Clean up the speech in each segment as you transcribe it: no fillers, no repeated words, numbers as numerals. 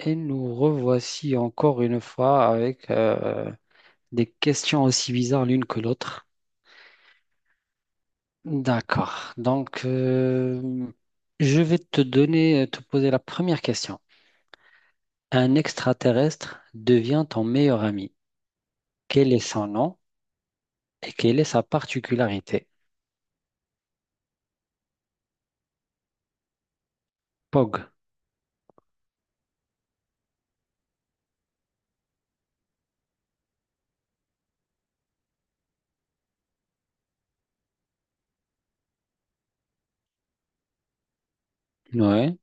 Et nous revoici encore une fois avec des questions aussi bizarres l'une que l'autre. D'accord. Donc, je vais te donner, te poser la première question. Un extraterrestre devient ton meilleur ami. Quel est son nom et quelle est sa particularité? Pog. Ouais.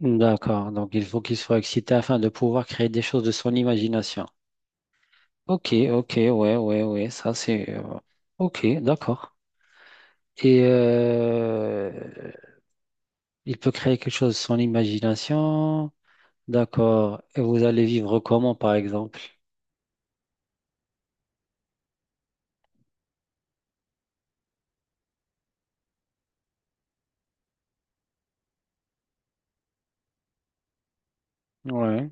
D'accord. Donc, il faut qu'il soit excité afin de pouvoir créer des choses de son imagination. Ok, ok, ouais, ouais, ouais. Ça, c'est. Ok, d'accord. Et il peut créer quelque chose, son imagination. D'accord. Et vous allez vivre comment, par exemple? Ouais.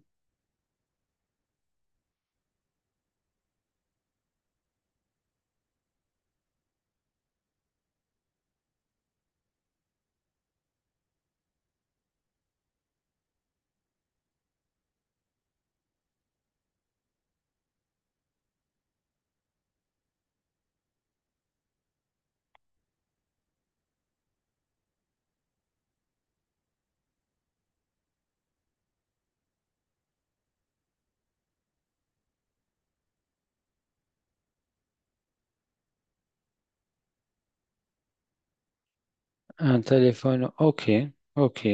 Un téléphone. Ok. Ok.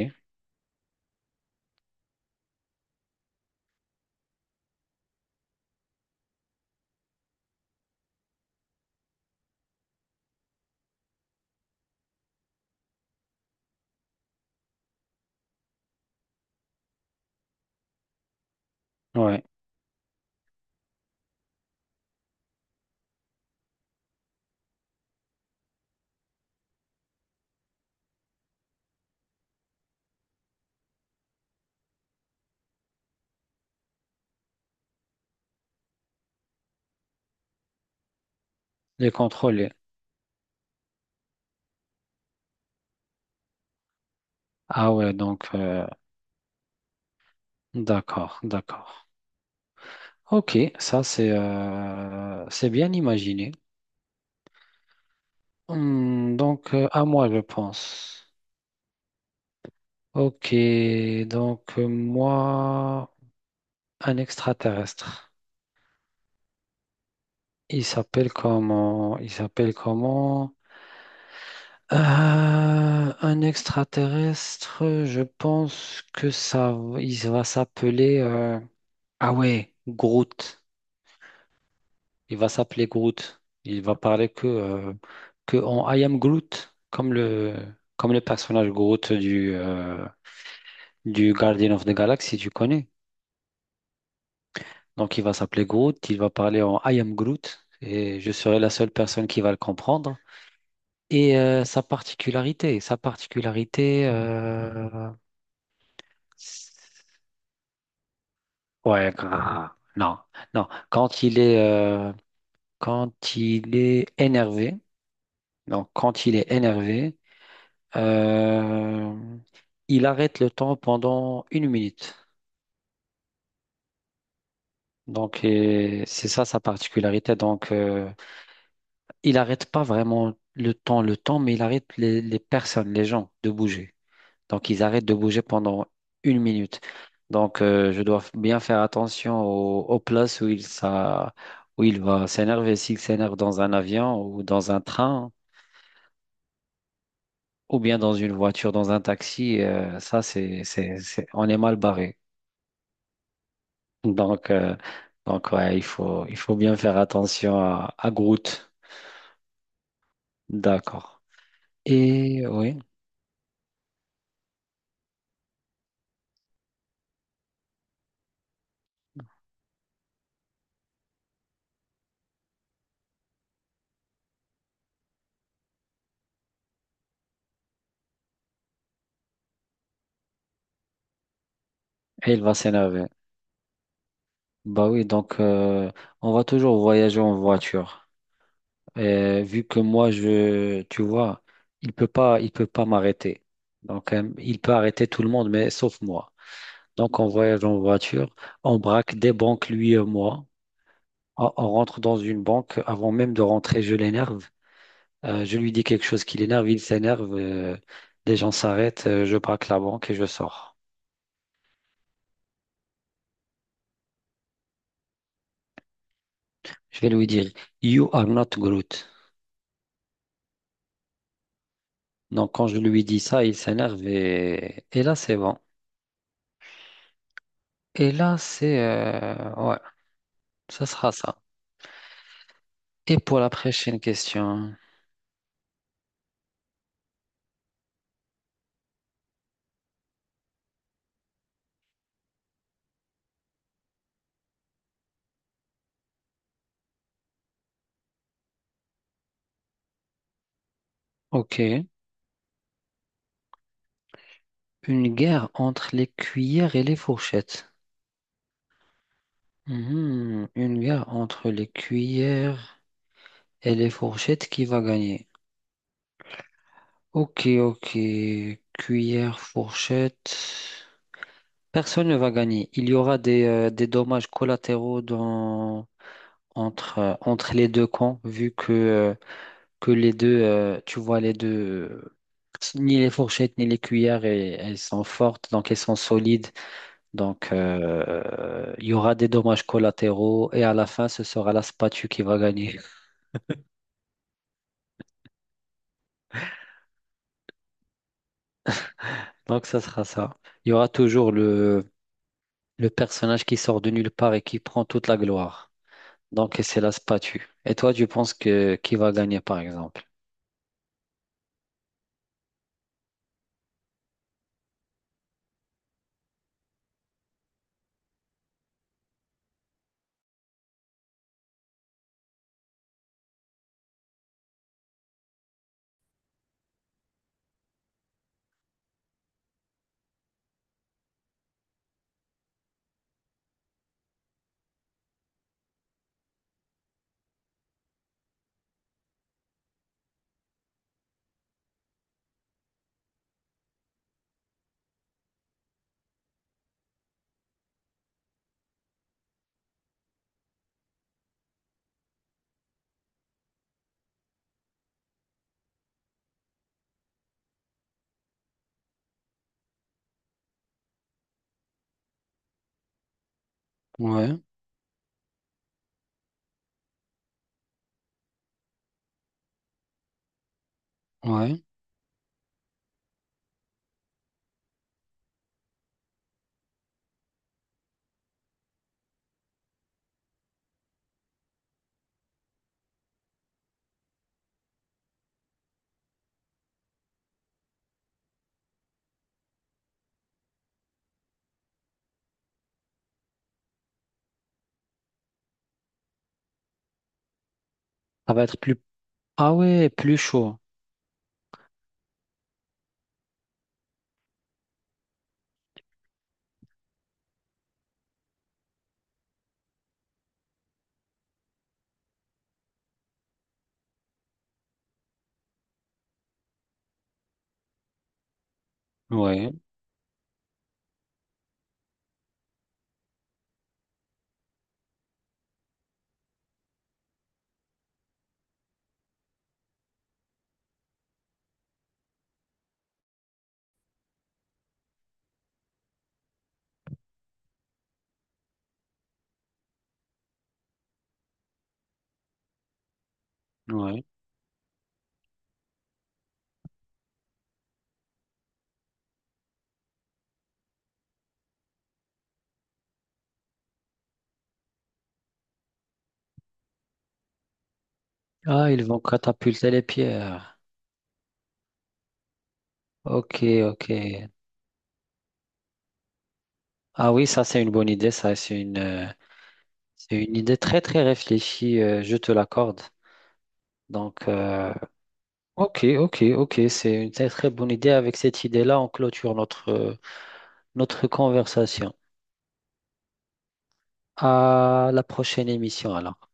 Ouais. Les contrôler. Ah ouais, donc d'accord, d'accord. Ok, ça c'est bien imaginé. Hmm, donc à moi, je pense. Ok, donc moi, un extraterrestre. Il s'appelle comment? Il s'appelle comment? Euh, un extraterrestre, je pense que ça, il va s'appeler. Ah ouais, Groot. Il va s'appeler Groot. Il va parler que en I am Groot, comme comme le personnage Groot du du Guardian of the Galaxy, tu connais. Donc il va s'appeler Groot, il va parler en I am Groot, et je serai la seule personne qui va le comprendre. Et sa particularité, Ouais, grave. Non, non. Euh, quand il est énervé, donc quand il est énervé, euh, il arrête le temps pendant une minute. Donc, et c'est ça sa particularité. Donc, il arrête pas vraiment le temps, mais il arrête les personnes, les gens de bouger. Donc, ils arrêtent de bouger pendant une minute. Donc, je dois bien faire attention aux places où il, ça, où il va s'énerver. S'il s'énerve dans un avion ou dans un train ou bien dans une voiture, dans un taxi, ça, c'est on est mal barré. Donc, euh, donc ouais, il faut bien faire attention à Groot. D'accord. Et oui, et il va s'énerver. Bah oui, donc on va toujours voyager en voiture. Vu que moi, je, tu vois, il peut pas m'arrêter. Donc, il peut arrêter tout le monde, mais sauf moi. Donc, on voyage en voiture, on braque des banques, lui et moi. On rentre dans une banque. Avant même de rentrer, je l'énerve. Je lui dis quelque chose qui l'énerve, il s'énerve. Les gens s'arrêtent, je braque la banque et je sors. Je vais lui dire, You are not Groot. Donc, quand je lui dis ça, il s'énerve et là, c'est bon. Et là, c'est... ouais, ce sera ça. Et pour la prochaine question, ok. Une guerre entre les cuillères et les fourchettes. Mhm. Une guerre entre les cuillères et les fourchettes qui va gagner. Ok, ok. Cuillère, fourchette. Personne ne va gagner. Il y aura des dommages collatéraux dans, entre, entre les deux camps, vu que les deux, tu vois, les deux, euh, ni les fourchettes ni les cuillères, et elles sont fortes, donc elles sont solides. Donc, il y aura des dommages collatéraux et à la fin, ce sera la spatule qui va gagner. Donc, ça sera ça. Il y aura toujours le personnage qui sort de nulle part et qui prend toute la gloire. Donc, c'est la spatule. Et toi, tu penses que qui va gagner, par exemple? Ouais, ouais. Ça va être plus... Ah ouais, plus chaud. Ouais, ouais. Ah, ils vont catapulter les pierres. Ok, ok. Ah oui, ça, c'est une bonne idée. Ça, c'est une idée très, très réfléchie. Je te l'accorde. Donc, ok, ok, ok, c'est une très très bonne idée. Avec cette idée-là, on clôture notre, notre conversation. À la prochaine émission, alors.